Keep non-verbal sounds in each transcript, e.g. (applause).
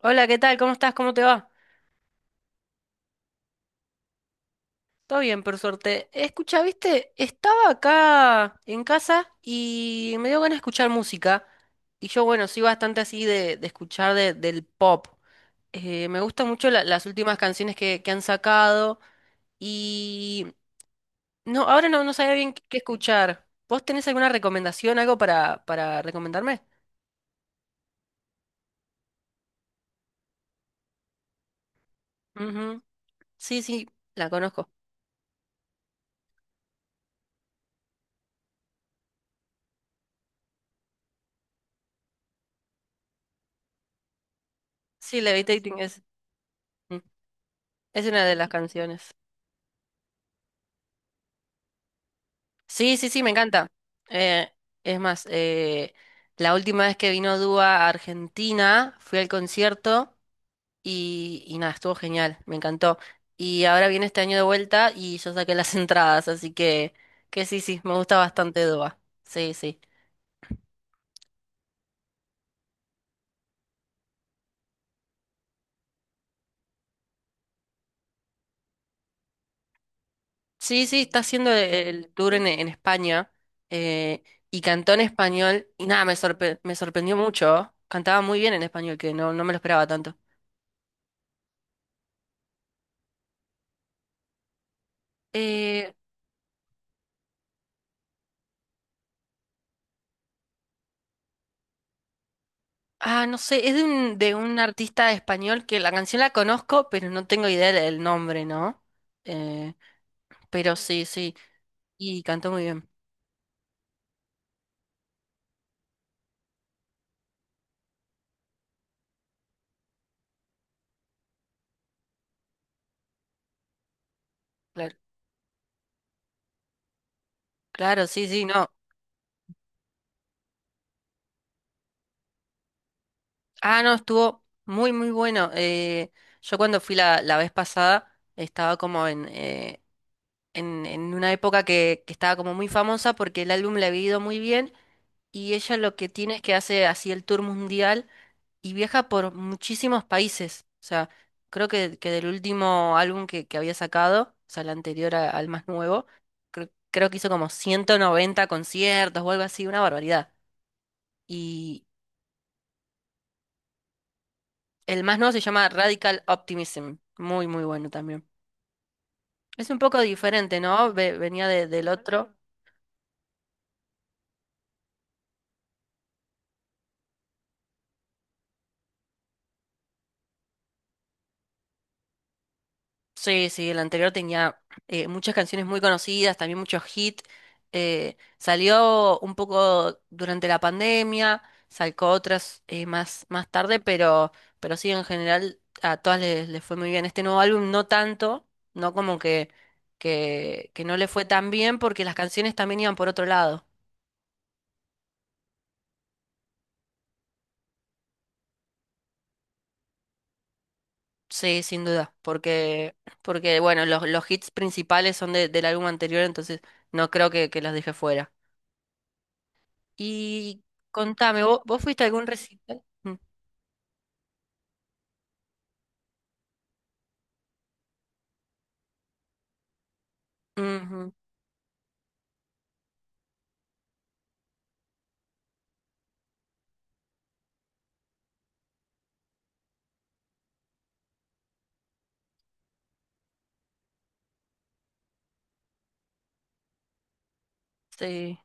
Hola, ¿qué tal? ¿Cómo estás? ¿Cómo te va? Todo bien, por suerte. Escucha, viste, estaba acá en casa y me dio ganas de escuchar música. Y yo, bueno, soy bastante así de escuchar del pop. Me gustan mucho las últimas canciones que han sacado. Y no, ahora no, no sabía bien qué escuchar. ¿Vos tenés alguna recomendación, algo para recomendarme? Ujú. Sí, sí, la conozco. Sí, Levitating es, mm, es una de las canciones. Sí, sí, sí, me encanta. Eh, es más, eh, la última vez que vino Dúa a Argentina, fui al concierto y nada, estuvo genial, me encantó. Y ahora viene este año de vuelta y yo saqué las (laughs) entradas, así que sí, sí, me gusta bastante Dúa. Sí, sí. Sí, sí, está haciendo el tour en España eh, y cantó en español y nada, me sorprendió mucho. ¿Oh? Cantaba muy bien en español, que no, no me lo esperaba tanto. Eh, Ah, no sé, es de de un artista español que la canción la conozco, pero no tengo idea del nombre, ¿no? Eh, pero sí, sí, y cantó muy bien. Claro, claro, sí, sí, no. Ah, no, estuvo muy, muy bueno. Yo cuando fui la vez pasada estaba como en una época que estaba como muy famosa porque el álbum le había ido muy bien y ella lo que tiene es que hace así el tour mundial. Y viaja por muchísimos países. O sea, creo que del último álbum que había sacado, o sea, el anterior al más nuevo, creo que hizo como 190 conciertos o algo así, una barbaridad. Y el más nuevo se llama Radical Optimism, muy, muy bueno también. Es un poco diferente, ¿no? Venía del otro. Sí, sí, el anterior tenía muchas canciones muy conocidas, también muchos hits. Salió un poco durante la pandemia, sacó otras más tarde, pero sí, en general a todas les, les fue muy bien. Este nuevo álbum no tanto, no como que no le fue tan bien porque las canciones también iban por otro lado. Sí, sin duda, porque, porque bueno, los hits principales son del álbum anterior, entonces no creo que los deje fuera. Y contame, ¿vos, fuiste a algún recital? Mm, ujú, sí.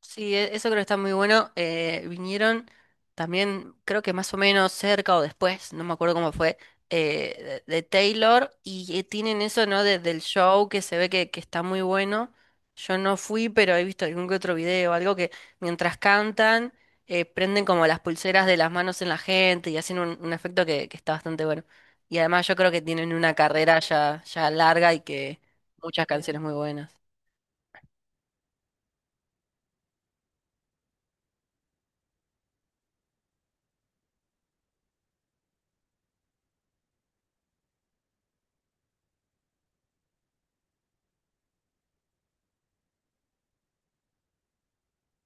Sí, eso creo que está muy bueno. Vinieron también, creo que más o menos cerca o después, no me acuerdo cómo fue, de Taylor y tienen eso, ¿no? Desde el show que se ve que está muy bueno. Yo no fui, pero he visto algún que otro video, algo que mientras cantan, prenden como las pulseras de las manos en la gente y hacen un efecto que está bastante bueno. Y además yo creo que tienen una carrera ya, ya larga y que muchas canciones muy buenas.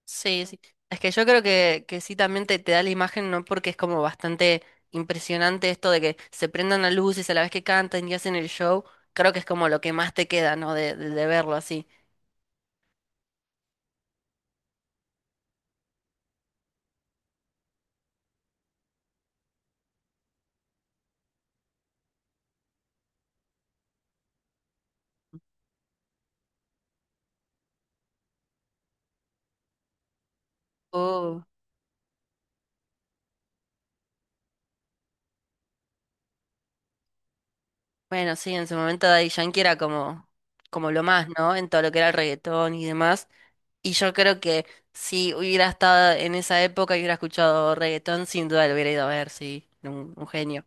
Sí, sí. Es que yo creo que sí también te da la imagen, ¿no? Porque es como bastante impresionante esto de que se prendan las luces a la vez que cantan y hacen el show. Creo que es como lo que más te queda, ¿no? De verlo así. Uh, bueno, sí, en su momento Daddy Yankee era como, como lo más, ¿no? En todo lo que era el reggaetón y demás. Y yo creo que si hubiera estado en esa época y hubiera escuchado reggaetón, sin duda lo hubiera ido a ver, sí. Un genio.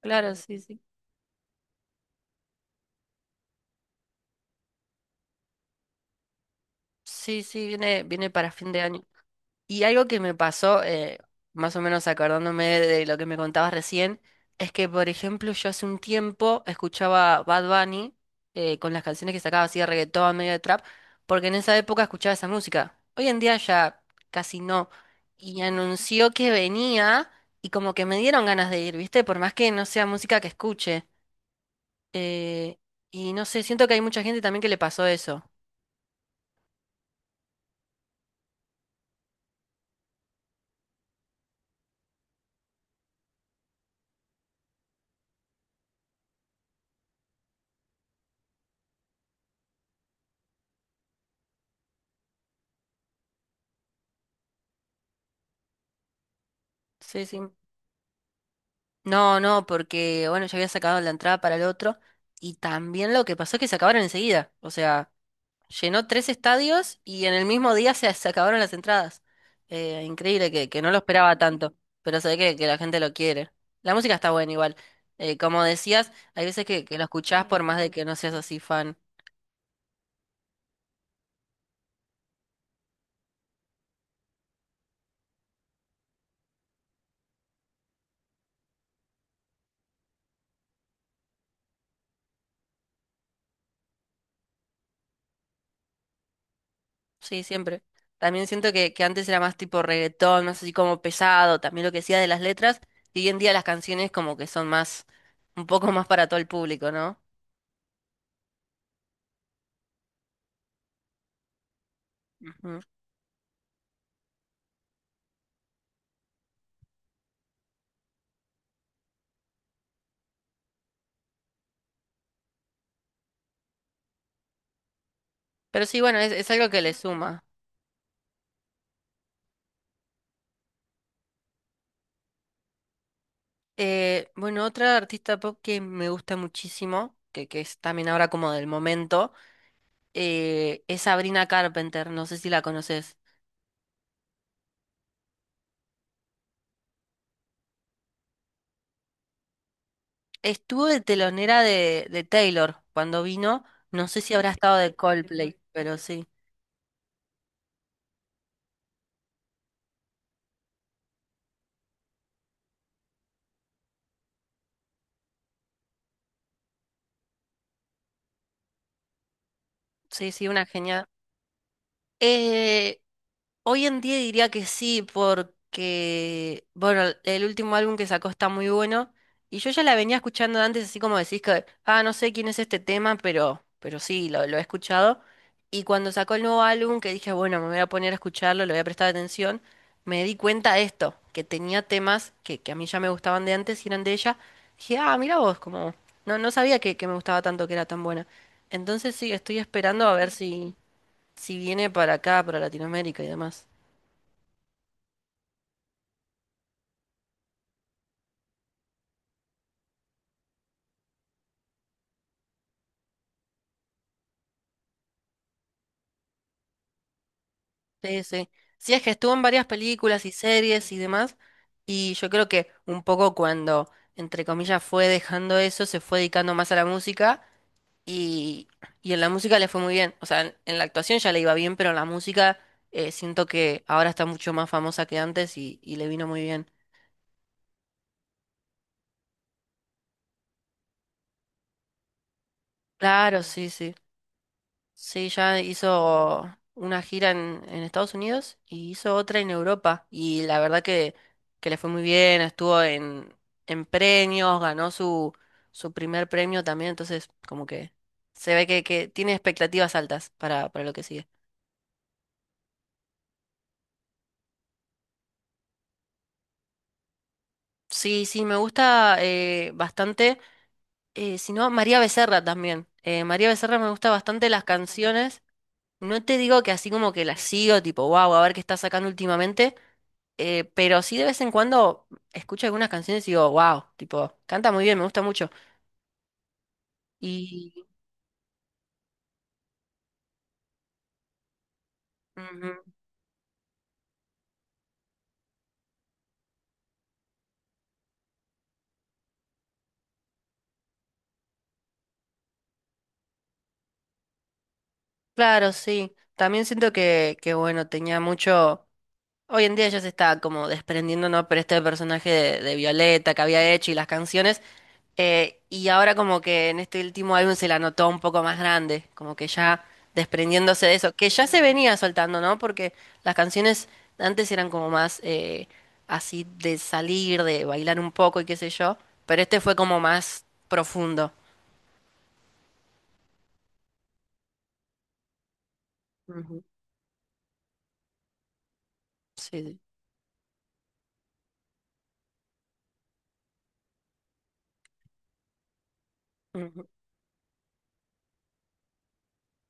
Claro, sí, sí. Sí, sí, viene, viene para fin de año. Y algo que me pasó, más o menos acordándome de lo que me contabas recién, es que, por ejemplo, yo hace un tiempo escuchaba Bad Bunny con las canciones que sacaba así de reggaetón, medio de trap, porque en esa época escuchaba esa música. Hoy en día ya casi no. Y anunció que venía y como que me dieron ganas de ir, ¿viste? Por más que no sea música que escuche. Eh, y no sé, siento que hay mucha gente también que le pasó eso. Sí, sí. No, no, porque bueno, ya había sacado la entrada para el otro. Y también lo que pasó es que se acabaron enseguida. O sea, llenó tres estadios y en el mismo día se, se acabaron las entradas. Increíble que no lo esperaba tanto. Pero sé que la gente lo quiere. La música está buena igual. Como decías, hay veces que lo escuchás por más de que no seas así fan. Sí, siempre. También siento que antes era más tipo reggaetón, más así como pesado. También lo que decía de las letras. Y hoy en día las canciones como que son más, un poco más para todo el público, ¿no? Ujú. Pero sí, bueno, es algo que le suma. Bueno, otra artista pop que me gusta muchísimo, que es también ahora como del momento, es Sabrina Carpenter, no sé si la conoces. Estuvo de telonera de Taylor cuando vino, no sé si habrá estado de Coldplay, pero sí, sí, sí, una genial. Hoy en día diría que sí, porque, bueno, el último álbum que sacó está muy bueno. Y yo ya la venía escuchando antes, así como decís que, ah, no sé quién es este tema, pero sí, lo he escuchado. Y cuando sacó el nuevo álbum, que dije, bueno, me voy a poner a escucharlo, le voy a prestar atención, me di cuenta de esto, que tenía temas que a mí ya me gustaban de antes y eran de ella. Dije, ah, mira vos, como, no, no sabía que me gustaba tanto, que era tan buena. Entonces sí, estoy esperando a ver si, si viene para acá, para Latinoamérica y demás. Sí, sí. Sí, es que estuvo en varias películas y series y demás, y yo creo que un poco cuando, entre comillas, fue dejando eso, se fue dedicando más a la música y, y en la música le fue muy bien. O sea, en la actuación ya le iba bien, pero en la música siento que ahora está mucho más famosa que antes y le vino muy bien. Claro, sí, sí. Sí, ya hizo una gira en Estados Unidos y hizo otra en Europa. Y la verdad que le fue muy bien, estuvo en premios, ganó su primer premio también, entonces como que se ve que tiene expectativas altas para lo que sigue. Sí, sí, me gusta bastante. Si no, María Becerra también. María Becerra me gusta bastante las canciones. No te digo que así como que las sigo, tipo, wow, a ver qué está sacando últimamente. Pero sí de vez en cuando escucho algunas canciones y digo, wow, tipo, canta muy bien, me gusta mucho. Y ujú, claro, sí. También siento que, bueno, tenía mucho. Hoy en día ya se está como desprendiendo, ¿no? Pero este personaje de Violeta que había hecho y las canciones. Y ahora como que en este último álbum se la notó un poco más grande, como que ya desprendiéndose de eso, que ya se venía soltando, ¿no? Porque las canciones antes eran como más así de salir, de bailar un poco y qué sé yo, pero este fue como más profundo. Ujú. Sí. Sí. Ujú.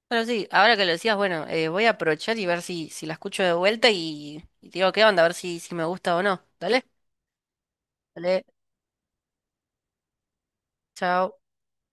Pero sí, ahora que lo decías, bueno, voy a aprovechar y ver si, si la escucho de vuelta y te digo qué onda, a ver si, si me gusta o no. Dale, dale, chao.